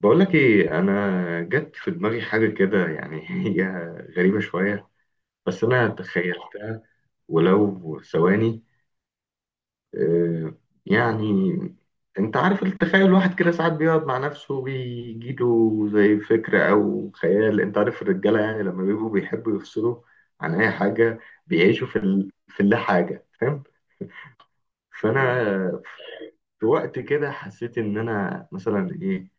بقولك ايه؟ انا جت في دماغي حاجه كده، يعني هي غريبه شويه. بس انا تخيلتها ولو ثواني. آه، يعني انت عارف التخيل؟ الواحد كده ساعات بيقعد مع نفسه، بيجيله زي فكره او خيال. انت عارف الرجاله، يعني لما بيبقوا بيحبوا يفصلوا عن اي حاجه، بيعيشوا في اللا حاجه. فاهم؟ مم. فانا في وقت كده حسيت ان انا مثلا ايه؟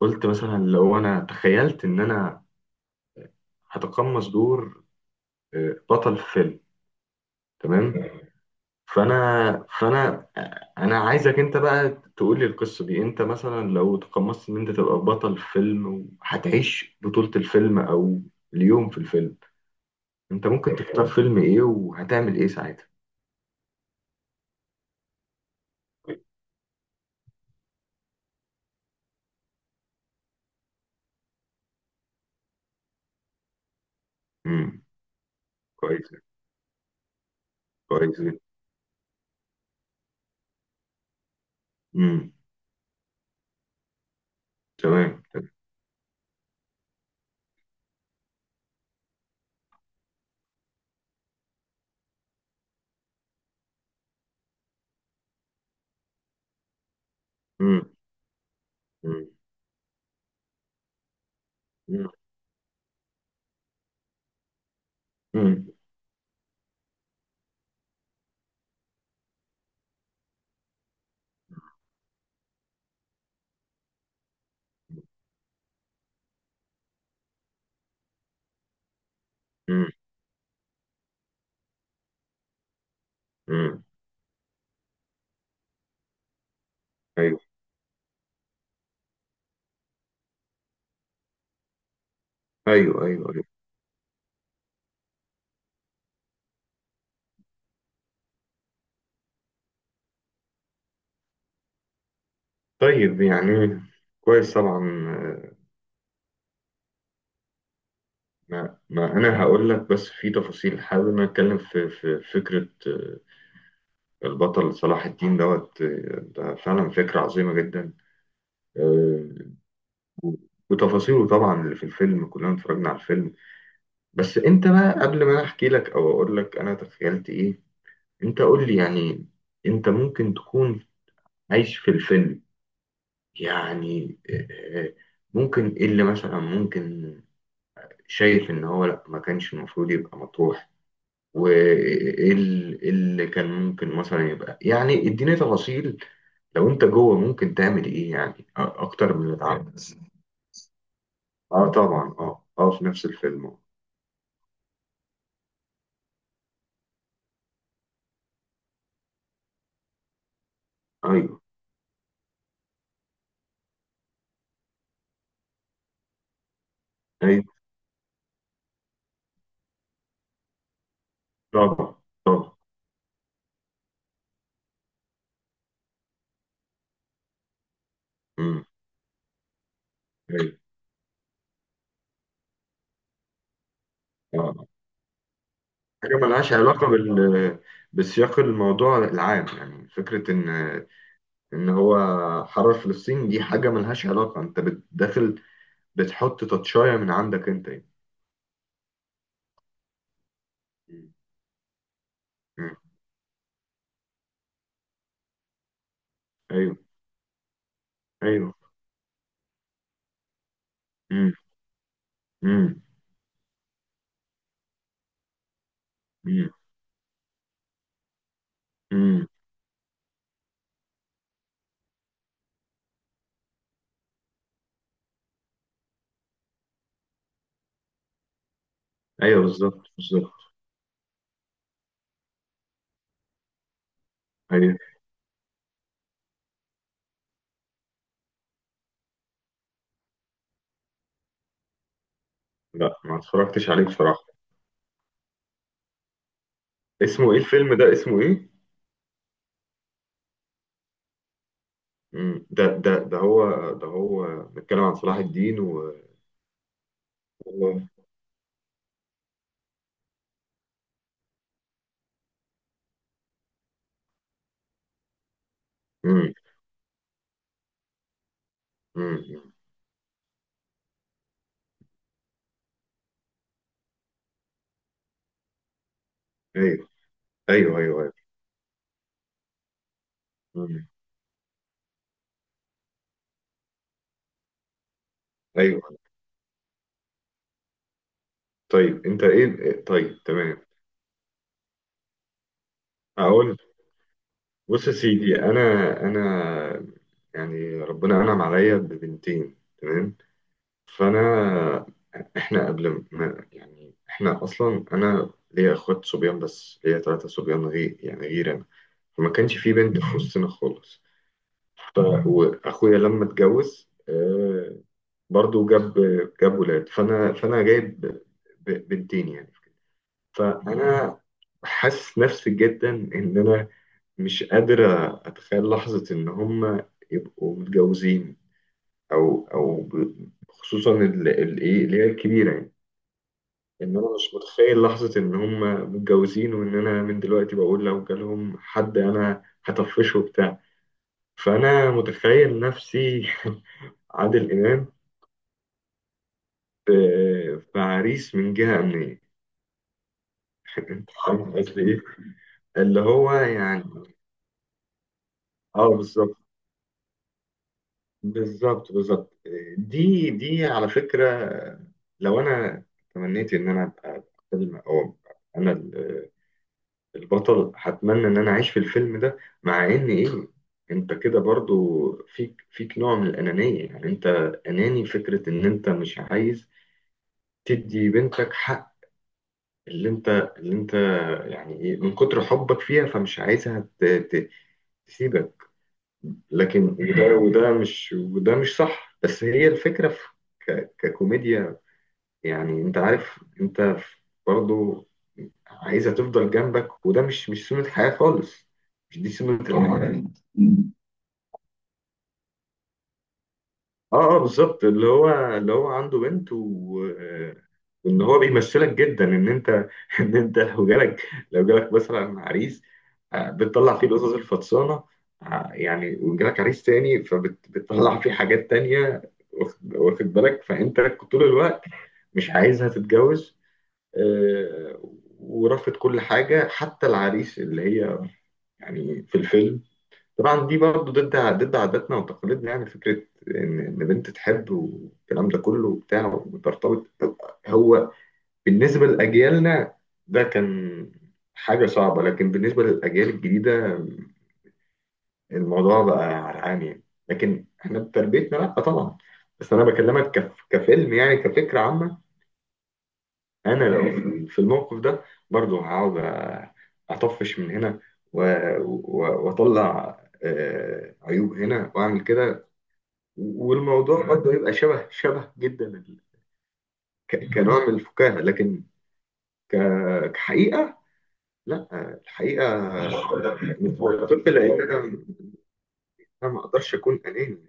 قلت مثلا لو انا تخيلت ان انا هتقمص دور، بطل فيلم. تمام. فانا انا عايزك انت بقى تقول لي القصه دي. انت مثلا لو تقمصت ان انت تبقى بطل فيلم، وهتعيش بطوله الفيلم او اليوم في الفيلم، انت ممكن تختار فيلم ايه، وهتعمل ايه ساعتها؟ امم. كويس. كويس جدا. امم. تمام تمام. امم، امم، امم، امم، امم، امم. ايوه، ايوه، ايوه، أيوة. طيب، يعني كويس طبعا. ما انا هقول لك، بس في تفاصيل حابب إن أنا اتكلم في فكره. البطل صلاح الدين دوت. ده فعلا فكره عظيمه جدا. آه، و- وتفاصيله طبعا اللي في الفيلم، كلنا اتفرجنا على الفيلم. بس انت بقى قبل ما انا احكي لك او اقول لك انا تخيلت ايه، انت قول لي يعني انت ممكن تكون عايش في الفيلم، يعني آه، ممكن ايه اللي مثلا ممكن؟ شايف ان هو لا، ما كانش المفروض يبقى مطروح، إيه اللي كان ممكن مثلا يبقى؟ يعني اديني تفاصيل. لو انت جوه ممكن تعمل ايه يعني؟ اكتر من اللي اتعمل. اه طبعا، اه، اه، في نفس الفيلم. آه. ايوه، ايوه، طبعا، طبعا، امم، ايوه، اه. حاجه ملهاش علاقه بال، بسياق الموضوع العام، يعني فكره ان هو حرر فلسطين دي حاجه ملهاش علاقه. انت داخل بتحط تاتشايه من عندك انت، يعني. مم. مم. ايوه، ايوه، امم، امم، امم، ايوه، بالظبط، بالظبط، ايوه، لا ما اتفرجتش عليه بصراحه. اسمه ايه الفيلم ده، اسمه ايه؟ امم، ده هو ده هو بيتكلم عن صلاح الدين و امم، امم، ايوه، ايوه، ايوه، ايوه، مم، ايوه. طيب انت ايه، طيب تمام. هقول. بص يا سيدي، انا يعني ربنا انعم عليا ببنتين، تمام. فانا احنا قبل ما يعني احنا اصلا، انا ليا اخوات صبيان، بس ليا ثلاثة صبيان غير يعني غير انا، فما كانش في بنت في وسطنا خالص. ف... واخويا لما اتجوز برضو جاب ولاد. فانا جايب بنتين يعني. فانا حاسس نفسي جدا ان انا مش قادر اتخيل لحظة ان هم يبقوا متجوزين، او خصوصا ايه اللي هي الكبيرة، يعني ان انا مش متخيل لحظة ان هم متجوزين، وان انا من دلوقتي بقول لو جالهم حد انا هطفشه وبتاع. فانا متخيل نفسي عادل امام في في عريس من جهة امنية. انت فاهم قصدي ايه؟ اللي هو يعني اه، بالظبط، بالظبط، بالظبط. دي على فكرة، لو انا تمنيت ان انا ابقى فيلم او أبقى انا البطل، هتمنى ان انا اعيش في الفيلم ده. مع ان ايه، انت كده برضو فيك نوع من الانانيه يعني. انت اناني، فكره ان انت مش عايز تدي بنتك حق اللي انت اللي انت يعني ايه، من كتر حبك فيها فمش عايزها تسيبك. لكن وده مش مش صح. بس فكره ككوميديا، يعني انت عارف، انت برضو عايزها تفضل جنبك، وده مش سنه حياه خالص. مش دي سنه الحياه. اه، اه، بالظبط. اللي هو عنده بنت وان هو بيمثلك جدا، ان انت ان انت لو جالك مثلا عريس. بتطلع فيه القصص الفطسانه. يعني وجالك عريس تاني فبتطلع فيه حاجات تانية. واخد بالك؟ فانت طول الوقت مش عايزها تتجوز. آه، ورافض كل حاجه حتى العريس، اللي هي يعني في الفيلم. طبعا دي برضه ضد عاداتنا وتقاليدنا، يعني فكرة إن بنت تحب والكلام ده كله وبتاع، وترتبط. هو بالنسبة لأجيالنا ده كان حاجة صعبة، لكن بالنسبة للأجيال الجديدة الموضوع بقى عرقان يعني. لكن إحنا بتربيتنا لأ طبعا. بس أنا بكلمك كفيلم، يعني كفكرة عامة. أنا لو في الموقف ده، برضه هقعد أطفش من هنا، وأطلع عيوب هنا وأعمل كده. والموضوع برضه يبقى شبه شبه جدا كنوع من الفكاهة، لكن كحقيقة لا. الحقيقة الطب، لأن أنا ما أقدرش أكون أناني.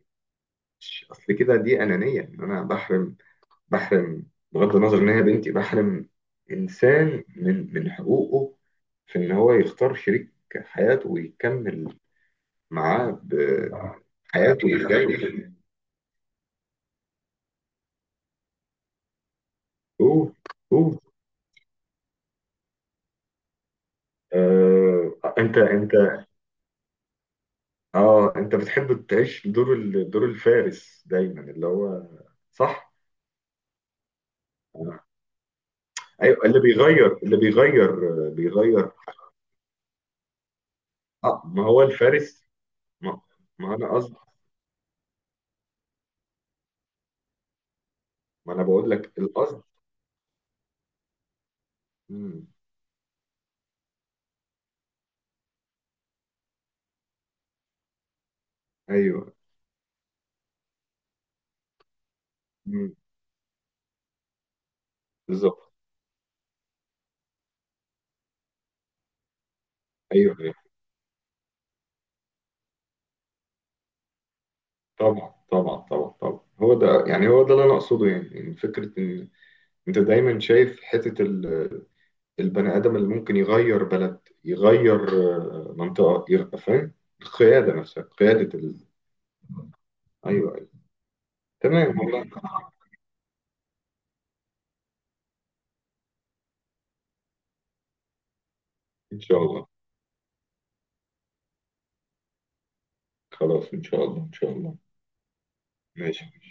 أصل كده دي أنانية، إن أنا بحرم بغض النظر إن هي بنتي، بحرم إنسان من حقوقه في إن هو يختار شريك حياته ويكمل معاه بحياته الجاية. هو هو أنت أنت اه انت بتحب تعيش دور دور الفارس دايما، اللي هو صح. آه. ايوه اللي بيغير بيغير. اه ما هو الفارس. ما, ما انا قصد، ما انا بقول لك القصد. مم. ايوه. مم. بالظبط. ايوه، ايوه، طبعا، طبعا، طبعا، طبعا. هو ده، يعني هو ده اللي انا اقصده، يعني فكره ان انت دايما شايف حته البني ادم اللي ممكن يغير بلد، يغير منطقه، فاهم؟ القياده نفسها، قياده ايوه، تمام والله. إن شاء الله. خلاص، إن شاء الله، إن شاء الله. ماشي، ماشي.